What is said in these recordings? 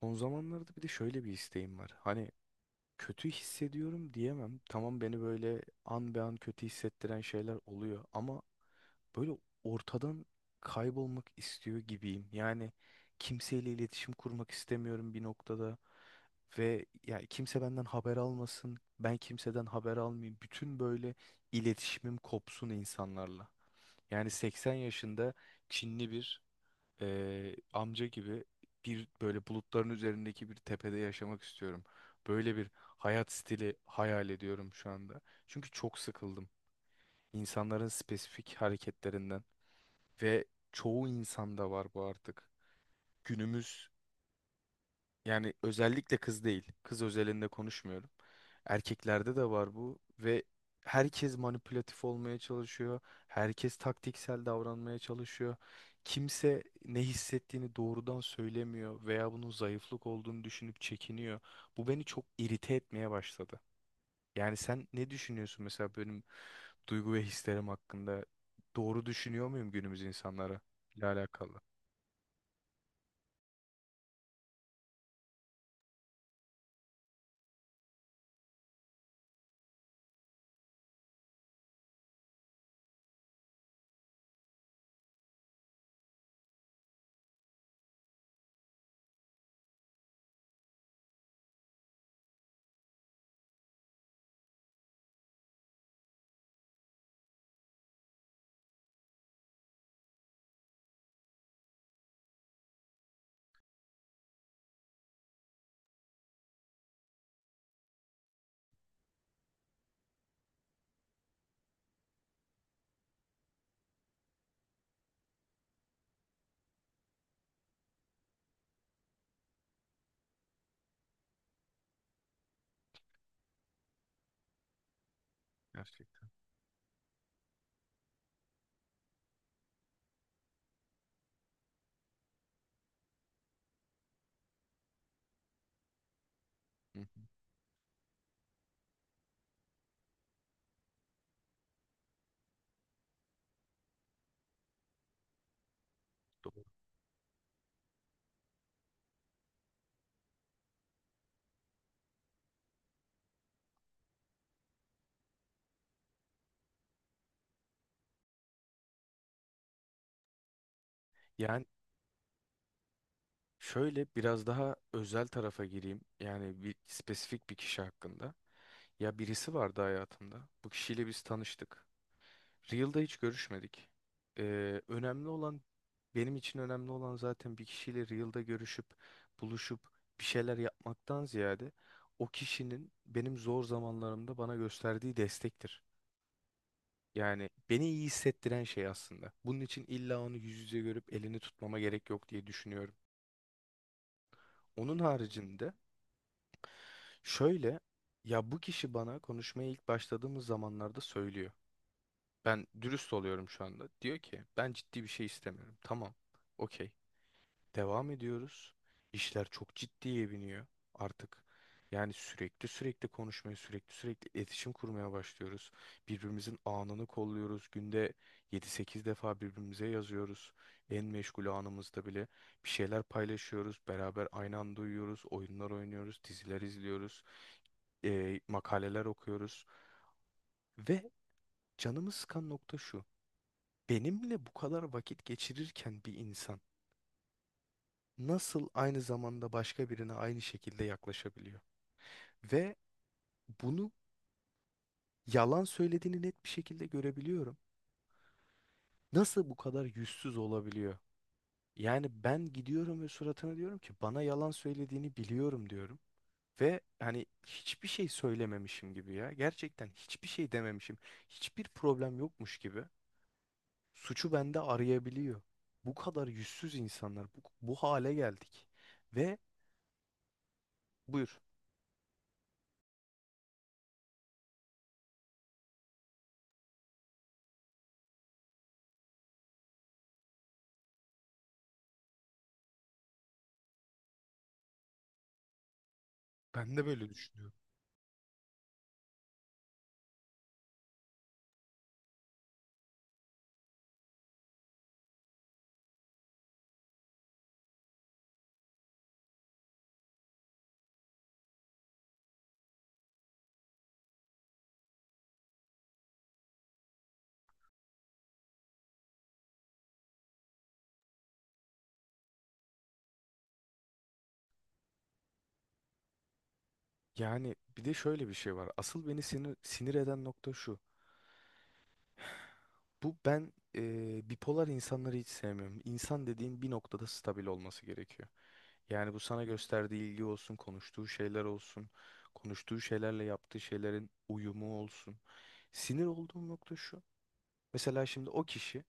Son zamanlarda bir de şöyle bir isteğim var. Hani kötü hissediyorum diyemem. Tamam, beni böyle an be an kötü hissettiren şeyler oluyor ama böyle ortadan kaybolmak istiyor gibiyim. Yani kimseyle iletişim kurmak istemiyorum bir noktada ve yani kimse benden haber almasın. Ben kimseden haber almayayım. Bütün böyle iletişimim kopsun insanlarla. Yani 80 yaşında Çinli bir amca gibi bir böyle bulutların üzerindeki bir tepede yaşamak istiyorum. Böyle bir hayat stili hayal ediyorum şu anda. Çünkü çok sıkıldım insanların spesifik hareketlerinden ve çoğu insanda var bu artık. Günümüz, yani özellikle kız değil. Kız özelinde konuşmuyorum. Erkeklerde de var bu ve herkes manipülatif olmaya çalışıyor. Herkes taktiksel davranmaya çalışıyor. Kimse ne hissettiğini doğrudan söylemiyor veya bunun zayıflık olduğunu düşünüp çekiniyor. Bu beni çok irite etmeye başladı. Yani sen ne düşünüyorsun mesela benim duygu ve hislerim hakkında? Doğru düşünüyor muyum günümüz insanlara ile alakalı? Gerçekten. Hı hı, doğru. Yani şöyle biraz daha özel tarafa gireyim. Yani bir spesifik bir kişi hakkında. Ya birisi vardı hayatımda. Bu kişiyle biz tanıştık. Real'da hiç görüşmedik. Önemli olan benim için önemli olan zaten bir kişiyle Real'da görüşüp buluşup bir şeyler yapmaktan ziyade o kişinin benim zor zamanlarımda bana gösterdiği destektir. Yani beni iyi hissettiren şey aslında. Bunun için illa onu yüz yüze görüp elini tutmama gerek yok diye düşünüyorum. Onun haricinde şöyle, ya bu kişi bana konuşmaya ilk başladığımız zamanlarda söylüyor. Ben dürüst oluyorum şu anda. Diyor ki ben ciddi bir şey istemiyorum. Tamam. Okey. Devam ediyoruz. İşler çok ciddiye biniyor artık. Yani sürekli sürekli konuşmaya, sürekli sürekli iletişim kurmaya başlıyoruz. Birbirimizin anını kolluyoruz. Günde yedi sekiz defa birbirimize yazıyoruz. En meşgul anımızda bile bir şeyler paylaşıyoruz. Beraber aynı anda uyuyoruz, oyunlar oynuyoruz, diziler izliyoruz, makaleler okuyoruz. Ve canımı sıkan nokta şu. Benimle bu kadar vakit geçirirken bir insan nasıl aynı zamanda başka birine aynı şekilde yaklaşabiliyor? Ve bunu yalan söylediğini net bir şekilde görebiliyorum. Nasıl bu kadar yüzsüz olabiliyor? Yani ben gidiyorum ve suratına diyorum ki bana yalan söylediğini biliyorum diyorum. Ve hani hiçbir şey söylememişim gibi ya. Gerçekten hiçbir şey dememişim. Hiçbir problem yokmuş gibi. Suçu bende arayabiliyor. Bu kadar yüzsüz insanlar. Bu hale geldik. Ve buyur. Ben de böyle düşünüyorum. Yani bir de şöyle bir şey var. Asıl beni sinir eden nokta şu. Bipolar insanları hiç sevmiyorum. İnsan dediğin bir noktada stabil olması gerekiyor. Yani bu sana gösterdiği ilgi olsun, konuştuğu şeyler olsun, konuştuğu şeylerle yaptığı şeylerin uyumu olsun. Sinir olduğum nokta şu. Mesela şimdi o kişi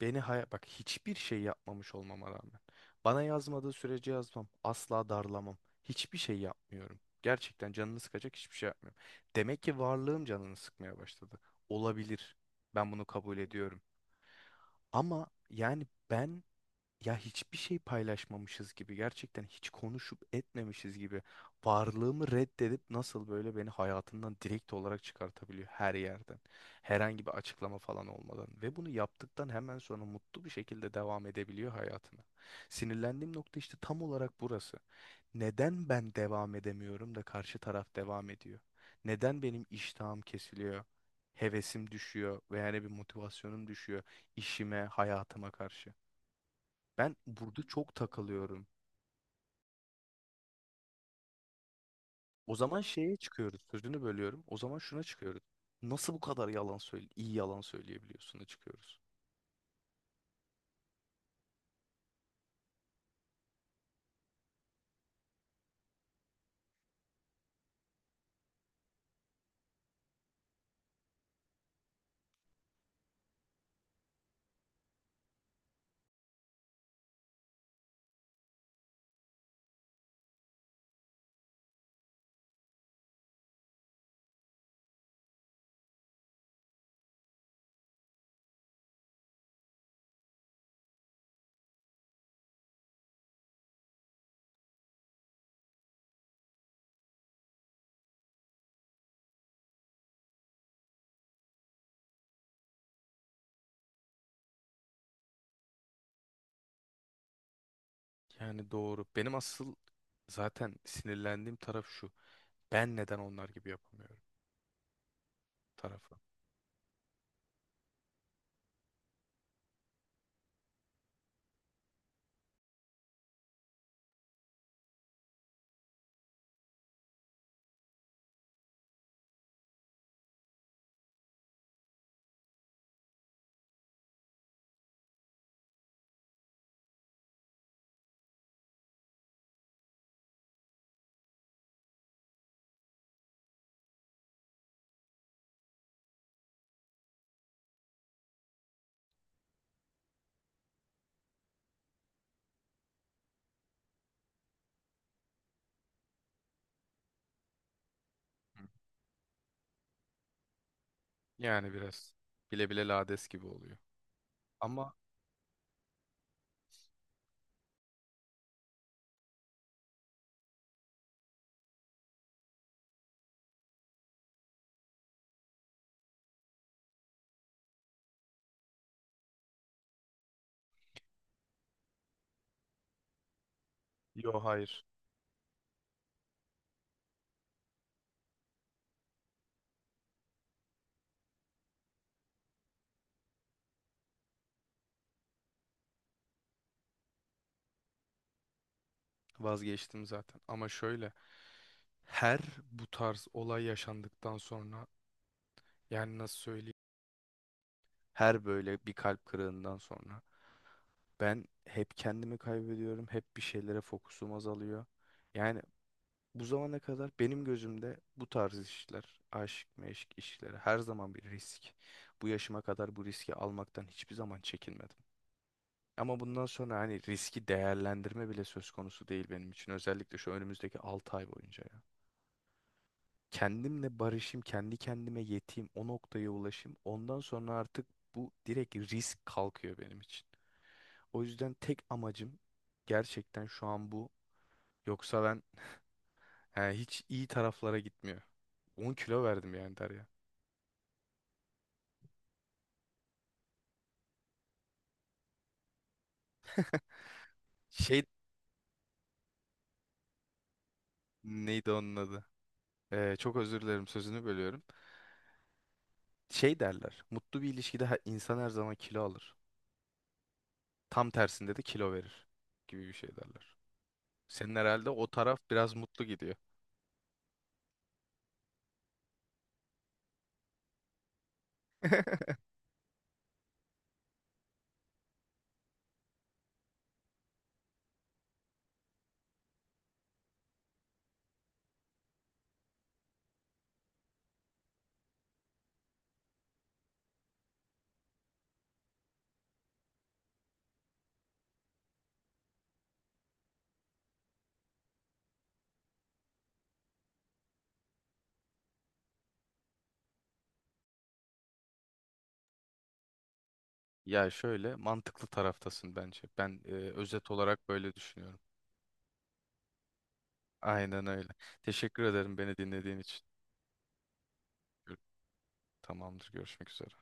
beni bak, hiçbir şey yapmamış olmama rağmen. Bana yazmadığı sürece yazmam. Asla darlamam. Hiçbir şey yapmıyorum. Gerçekten canını sıkacak hiçbir şey yapmıyorum. Demek ki varlığım canını sıkmaya başladı. Olabilir. Ben bunu kabul ediyorum. Ama yani ben, ya hiçbir şey paylaşmamışız gibi, gerçekten hiç konuşup etmemişiz gibi, varlığımı reddedip nasıl böyle beni hayatından direkt olarak çıkartabiliyor her yerden? Herhangi bir açıklama falan olmadan ve bunu yaptıktan hemen sonra mutlu bir şekilde devam edebiliyor hayatına. Sinirlendiğim nokta işte tam olarak burası. Neden ben devam edemiyorum da karşı taraf devam ediyor? Neden benim iştahım kesiliyor? Hevesim düşüyor veya yani bir motivasyonum düşüyor işime, hayatıma karşı. Ben burada çok takılıyorum. O zaman şeye çıkıyoruz. Sözünü bölüyorum. O zaman şuna çıkıyoruz. Nasıl bu kadar iyi yalan söyleyebiliyorsun'a çıkıyoruz. Yani doğru. Benim asıl zaten sinirlendiğim taraf şu. Ben neden onlar gibi yapamıyorum tarafı. Hı. Yani biraz bile bile lades gibi oluyor. Ama yo, hayır, vazgeçtim zaten. Ama şöyle, her bu tarz olay yaşandıktan sonra, yani nasıl söyleyeyim? Her böyle bir kalp kırığından sonra ben hep kendimi kaybediyorum, hep bir şeylere fokusum azalıyor. Yani bu zamana kadar benim gözümde bu tarz işler, aşk meşk işleri her zaman bir risk. Bu yaşıma kadar bu riski almaktan hiçbir zaman çekinmedim. Ama bundan sonra hani riski değerlendirme bile söz konusu değil benim için. Özellikle şu önümüzdeki 6 ay boyunca ya. Kendimle barışayım, kendi kendime yeteyim, o noktaya ulaşayım. Ondan sonra artık bu direkt risk kalkıyor benim için. O yüzden tek amacım gerçekten şu an bu. Yoksa ben, he, hiç iyi taraflara gitmiyor. 10 kilo verdim yani Derya. Şey, neydi onun adı? Çok özür dilerim, sözünü bölüyorum. Şey derler. Mutlu bir ilişkide insan her zaman kilo alır. Tam tersinde de kilo verir gibi bir şey derler. Senin herhalde o taraf biraz mutlu gidiyor. Ya şöyle, mantıklı taraftasın bence. Ben özet olarak böyle düşünüyorum. Aynen öyle. Teşekkür ederim beni dinlediğin için. Gör- Tamamdır. Görüşmek üzere.